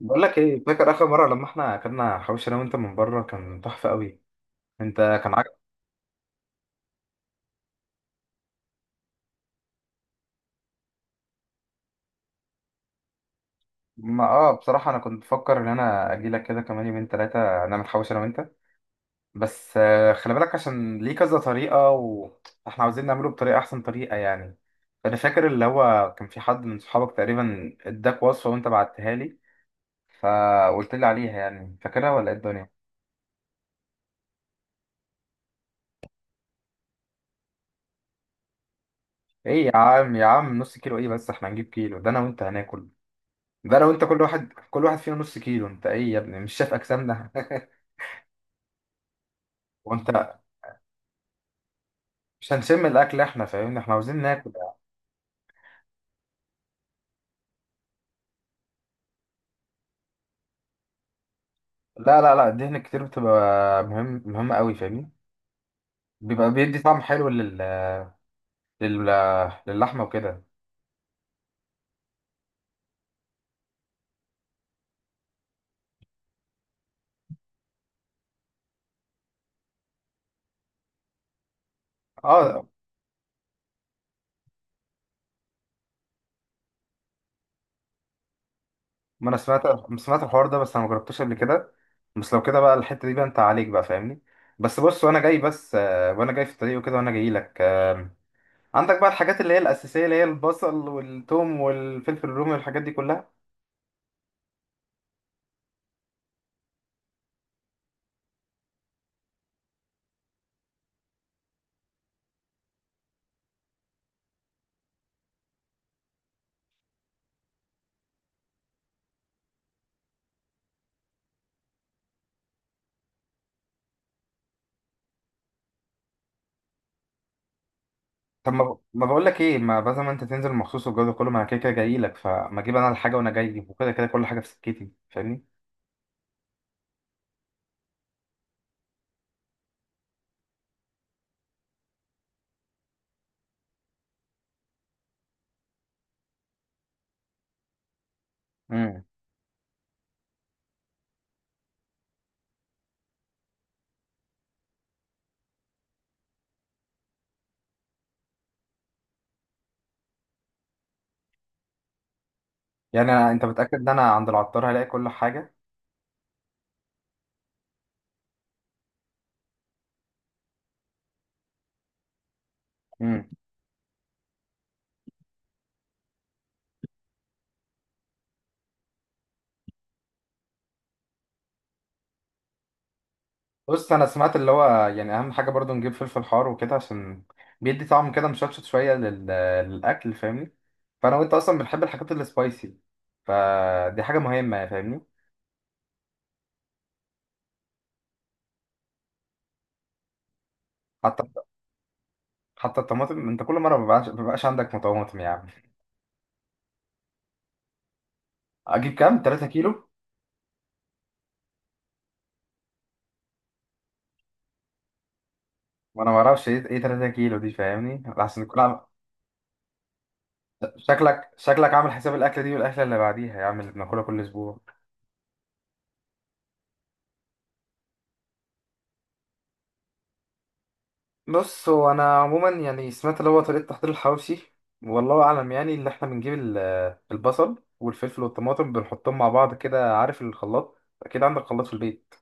بقول لك ايه، فاكر اخر مره لما احنا اكلنا حواوشي انا وانت من بره؟ كان تحفه قوي. انت كان عاجبك. ما اه بصراحه انا كنت بفكر ان انا اجي لك كده كمان يومين ثلاثه نعمل حواوشي انا وانت. بس خلي بالك، عشان ليه كذا طريقه. واحنا عاوزين نعمله بطريقه احسن طريقه يعني. فانا فاكر اللي هو كان في حد من صحابك تقريبا اداك وصفه وانت بعتها لي، فقلت لي عليها. يعني فاكرها ولا ايه الدنيا؟ ايه يا عم يا عم، نص كيلو ايه؟ بس احنا هنجيب كيلو، ده انا وانت هناكل. ده لو انت، كل واحد كل واحد فينا نص كيلو؟ انت ايه يا ابني، مش شايف اجسامنا؟ وانت، مش هنشم الاكل احنا، فاهمني؟ احنا عاوزين ناكل. لا لا لا، الدهن كتير بتبقى مهمة قوي، فاهمني. بيبقى بيدي طعم حلو لل لل للحمة وكده. اه، ما انا سمعت، سمعت الحوار ده، بس انا ما جربتوش قبل كده. بس لو كده بقى، الحتة دي بقى انت عليك بقى، فاهمني؟ بس بص، وانا جاي بس وانا جاي في الطريق وكده، وانا جاي لك عندك بقى الحاجات اللي هي الأساسية، اللي هي البصل والثوم والفلفل الرومي والحاجات دي كلها. طب ما ما بقول لك ايه، ما بدل ما انت تنزل مخصوص والجو ده كله، ما انا كده كده جاي لك، فما اجيب انا الحاجه وانا جاي وكده، كده كل حاجه في سكتي، فاهمني؟ امم. يعني أنا... انت متاكد ان انا عند العطار هلاقي كل حاجه؟ امم. بص، انا سمعت اللي هو يعني اهم حاجه برضو نجيب فلفل حار وكده، عشان بيدي طعم كده مشطشط شويه لل... للاكل، فاهمني. فانا وانت اصلا بنحب الحاجات السبايسي، فدي حاجه مهمه يعني، فاهمني. حتى، حتى الطماطم انت كل مره ما بيبقاش عندك طماطم يعني. اجيب كام؟ 3 كيلو؟ ما انا ما اعرفش ايه 3 كيلو دي، فاهمني احسن كل عم... شكلك عامل حساب الاكله دي والاكله اللي بعديها يا عم، اللي بناكلها كل اسبوع. بص هو انا عموما يعني سمعت اللي هو طريقه تحضير الحواوشي، والله اعلم. يعني اللي احنا بنجيب البصل والفلفل والطماطم بنحطهم مع بعض كده. عارف الخلاط، اكيد عندك خلاط في البيت.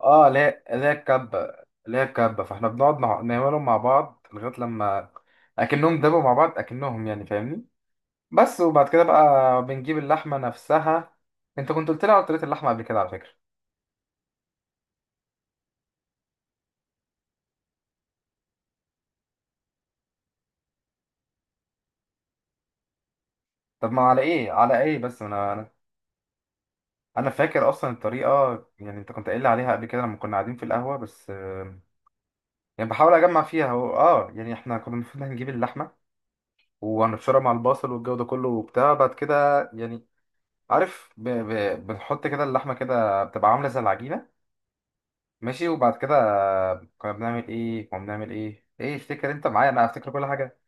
اه لا لا الكبه. لا الكبه، فاحنا بنقعد نعملهم مع بعض لغايه لما اكنهم دبوا مع بعض، اكنهم يعني فاهمني. بس وبعد كده بقى بنجيب اللحمة نفسها. انت كنت قلت لي على طريقة اللحمة قبل كده، على فكرة. طب ما على ايه على ايه، بس انا انا فاكر اصلا الطريقة. يعني انت كنت قايل لي عليها قبل كده لما كنا قاعدين في القهوة، بس يعني بحاول اجمع فيها. هو اه، يعني احنا كنا المفروض هنجيب اللحمة وهنبشرها مع البصل والجو ده كله وبتاع، بعد كده يعني، عارف، ب... ب... بنحط كده اللحمة كده بتبقى عاملة زي العجينة. ماشي. وبعد كده كنا بنعمل ايه، ايه، افتكر انت معايا، انا افتكر كل حاجة.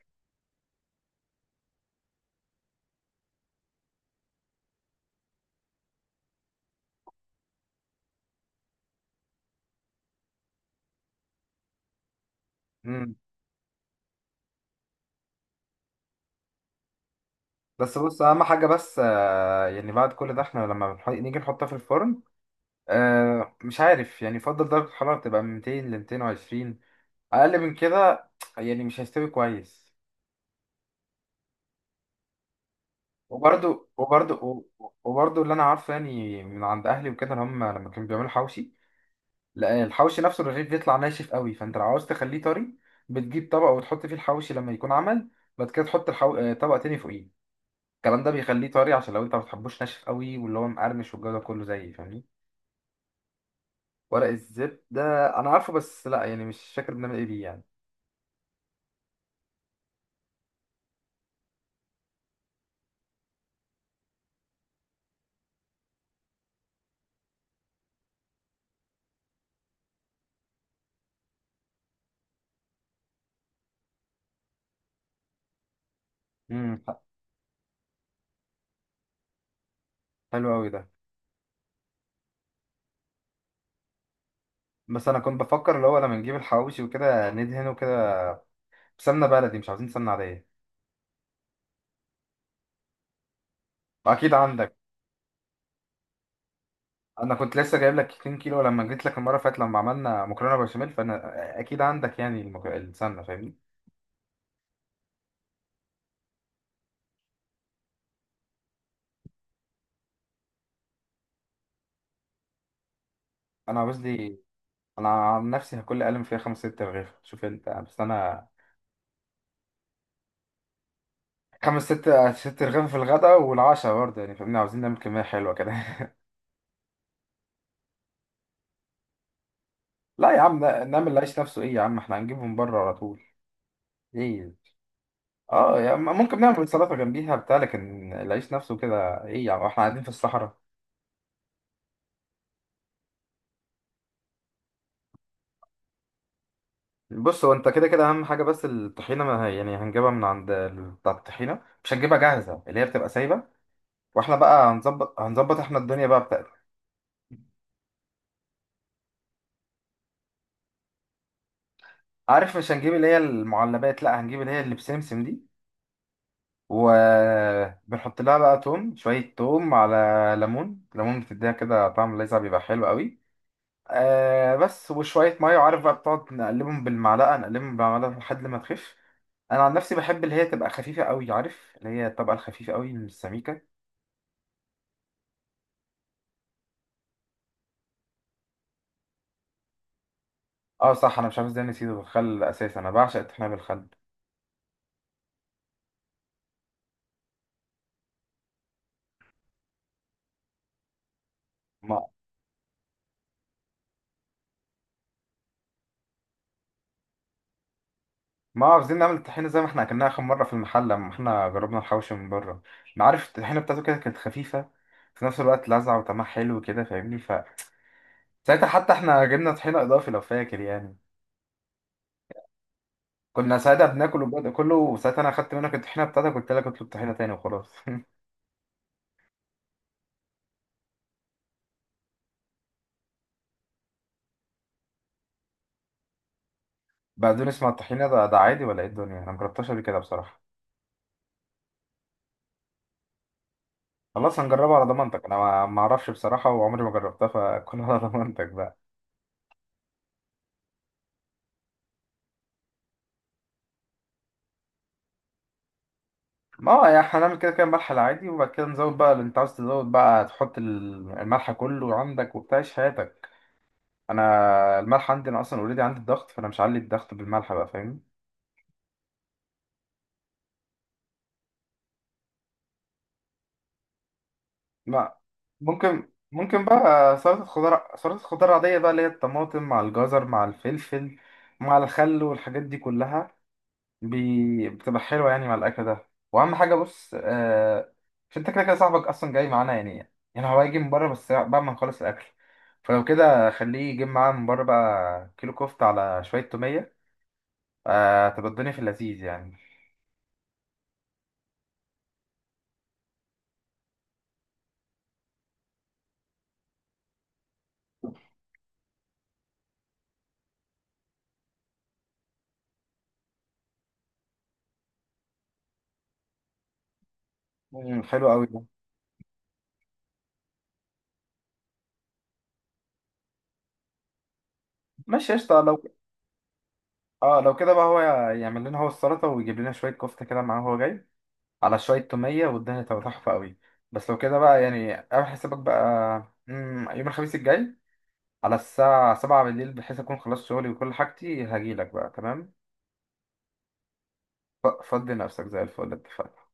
بس بص، اهم حاجه بس يعني بعد كل ده احنا لما نيجي نحطها في الفرن، مش عارف، يعني يفضل درجه الحراره تبقى من 200 ل 220، اقل من كده يعني مش هيستوي كويس. وبرده وبرده وبرده، اللي انا عارفه يعني من عند اهلي وكده، ان هم لما كانوا بيعملوا حوشي، لا الحوشي نفسه الرغيف بيطلع ناشف قوي، فانت لو عاوز تخليه طري بتجيب طبق وتحط فيه الحوشي لما يكون عمل، بعد كده تحط الحو... آه، طبق تاني فوقيه. الكلام ده بيخليه طري، عشان لو انت ما بتحبوش ناشف قوي واللي هو مقرمش والجو ده كله زي، فاهمني. ورق الزبدة، أنا عارفه، بس لأ يعني مش فاكر بنعمل إيه بيه يعني. امم، حلو أوي ده. بس أنا كنت بفكر اللي هو لما نجيب الحواوشي وكده ندهنه كده بسمنة بلدي، مش عاوزين سمنة عادية. أكيد عندك، أنا كنت لسه جايب لك 2 كيلو لما جيت لك المرة اللي فاتت لما عملنا مكرونة بشاميل، فأنا أكيد عندك يعني المك... السمنة، فاهمني. أنا عاوز لي، أنا عن نفسي هاكل أقل من فيها خمس ست رغيف، شوف أنت، بس أنا خمس ست رغيف في الغداء والعشاء برضه يعني، فاهمني. عاوزين نعمل كمية حلوة كده. لا يا عم، نعمل العيش نفسه ايه يا عم، احنا هنجيبهم بره على طول. ايه. اه يا عم، ممكن نعمل سلطه جنبيها بتاع، لكن العيش نفسه كده ايه يا عم، احنا قاعدين في الصحراء. بص هو انت كده كده اهم حاجه، بس الطحينه ما هي- يعني هنجيبها من عند بتاع الطحينه، مش هنجيبها جاهزه اللي هي بتبقى سايبه، واحنا بقى هنظبط احنا الدنيا بقى بتاعتنا. عارف، مش هنجيب اللي هي المعلبات، لا هنجيب اللي هي اللي بسمسم دي، وبنحط لها بقى توم، شويه توم على ليمون، ليمون بتديها كده طعم لاذع بيبقى حلو قوي. آه بس، وشوية مية، وعارف بقى، بتقعد نقلبهم بالمعلقة نقلبهم بالمعلقة لحد ما تخف. أنا عن نفسي بحب اللي هي تبقى خفيفة قوي، عارف اللي هي الطبقة الخفيفة قوي من السميكة. اه صح، أنا مش عارف ازاي نسيته بالخل أساسا، أنا بعشق الطحينة بالخل. ما ما عاوزين نعمل الطحينة زي ما احنا أكلناها آخر مرة في المحل لما احنا جربنا الحوشي من بره. ما عارف الطحينة بتاعته كده كانت خفيفة في نفس الوقت، لذعة، وطعمها حلو كده، فاهمني. ف ساعتها حتى احنا جبنا طحينة إضافي، لو فاكر يعني. كنا ساعتها بناكل وبدا كله، وساعتها انا خدت منك الطحينه بتاعتك، قلت لك اطلب طحينه تاني وخلاص. بقدونس مع الطحينه ده, ده عادي ولا ايه الدنيا؟ انا مجربتهاش قبل كده بصراحه. خلاص هنجربها على ضمانتك، انا ما اعرفش بصراحه وعمري ما جربتها، فكل على ضمانتك بقى. ما هو يعني هنعمل كده كده ملح العادي، وبعد كده نزود بقى اللي انت عاوز تزود بقى، تحط الملح كله عندك وبتاع، إيش حياتك. انا الملح عندي انا اصلا اوريدي، عندي الضغط، فانا مش هعلي الضغط بالملح بقى، فاهمني. ما ممكن ممكن بقى سلطة خضار، سلطة خضار عادية بقى، اللي هي الطماطم مع الجزر مع الفلفل مع الخل والحاجات دي كلها، بي... بتبقى حلوة يعني مع الأكل ده. وأهم حاجة بص مش أنت كده كده صاحبك أصلا جاي معانا يعني، يعني هو هيجي من بره بس بعد ما نخلص الأكل. فلو كده، خليه يجيب معاه من بره بقى كيلو كفتة على شوية تومية، تبقى الدنيا في اللذيذ يعني. مم، حلو قوي ده. ماشي قشطة. لو اه، لو كده بقى، هو يعمل لنا هو السلطة ويجيب لنا شوية كفتة كده معاه وهو جاي، على شوية تومية، والدنيا تبقى تحفة قوي. بس لو كده بقى يعني اعمل حسابك بقى. مم، يوم الخميس الجاي، على الساعة 7 بالليل، بحيث أكون خلصت شغلي وكل حاجتي، هجيلك بقى. تمام. فضي نفسك زي الفل، اتفقنا؟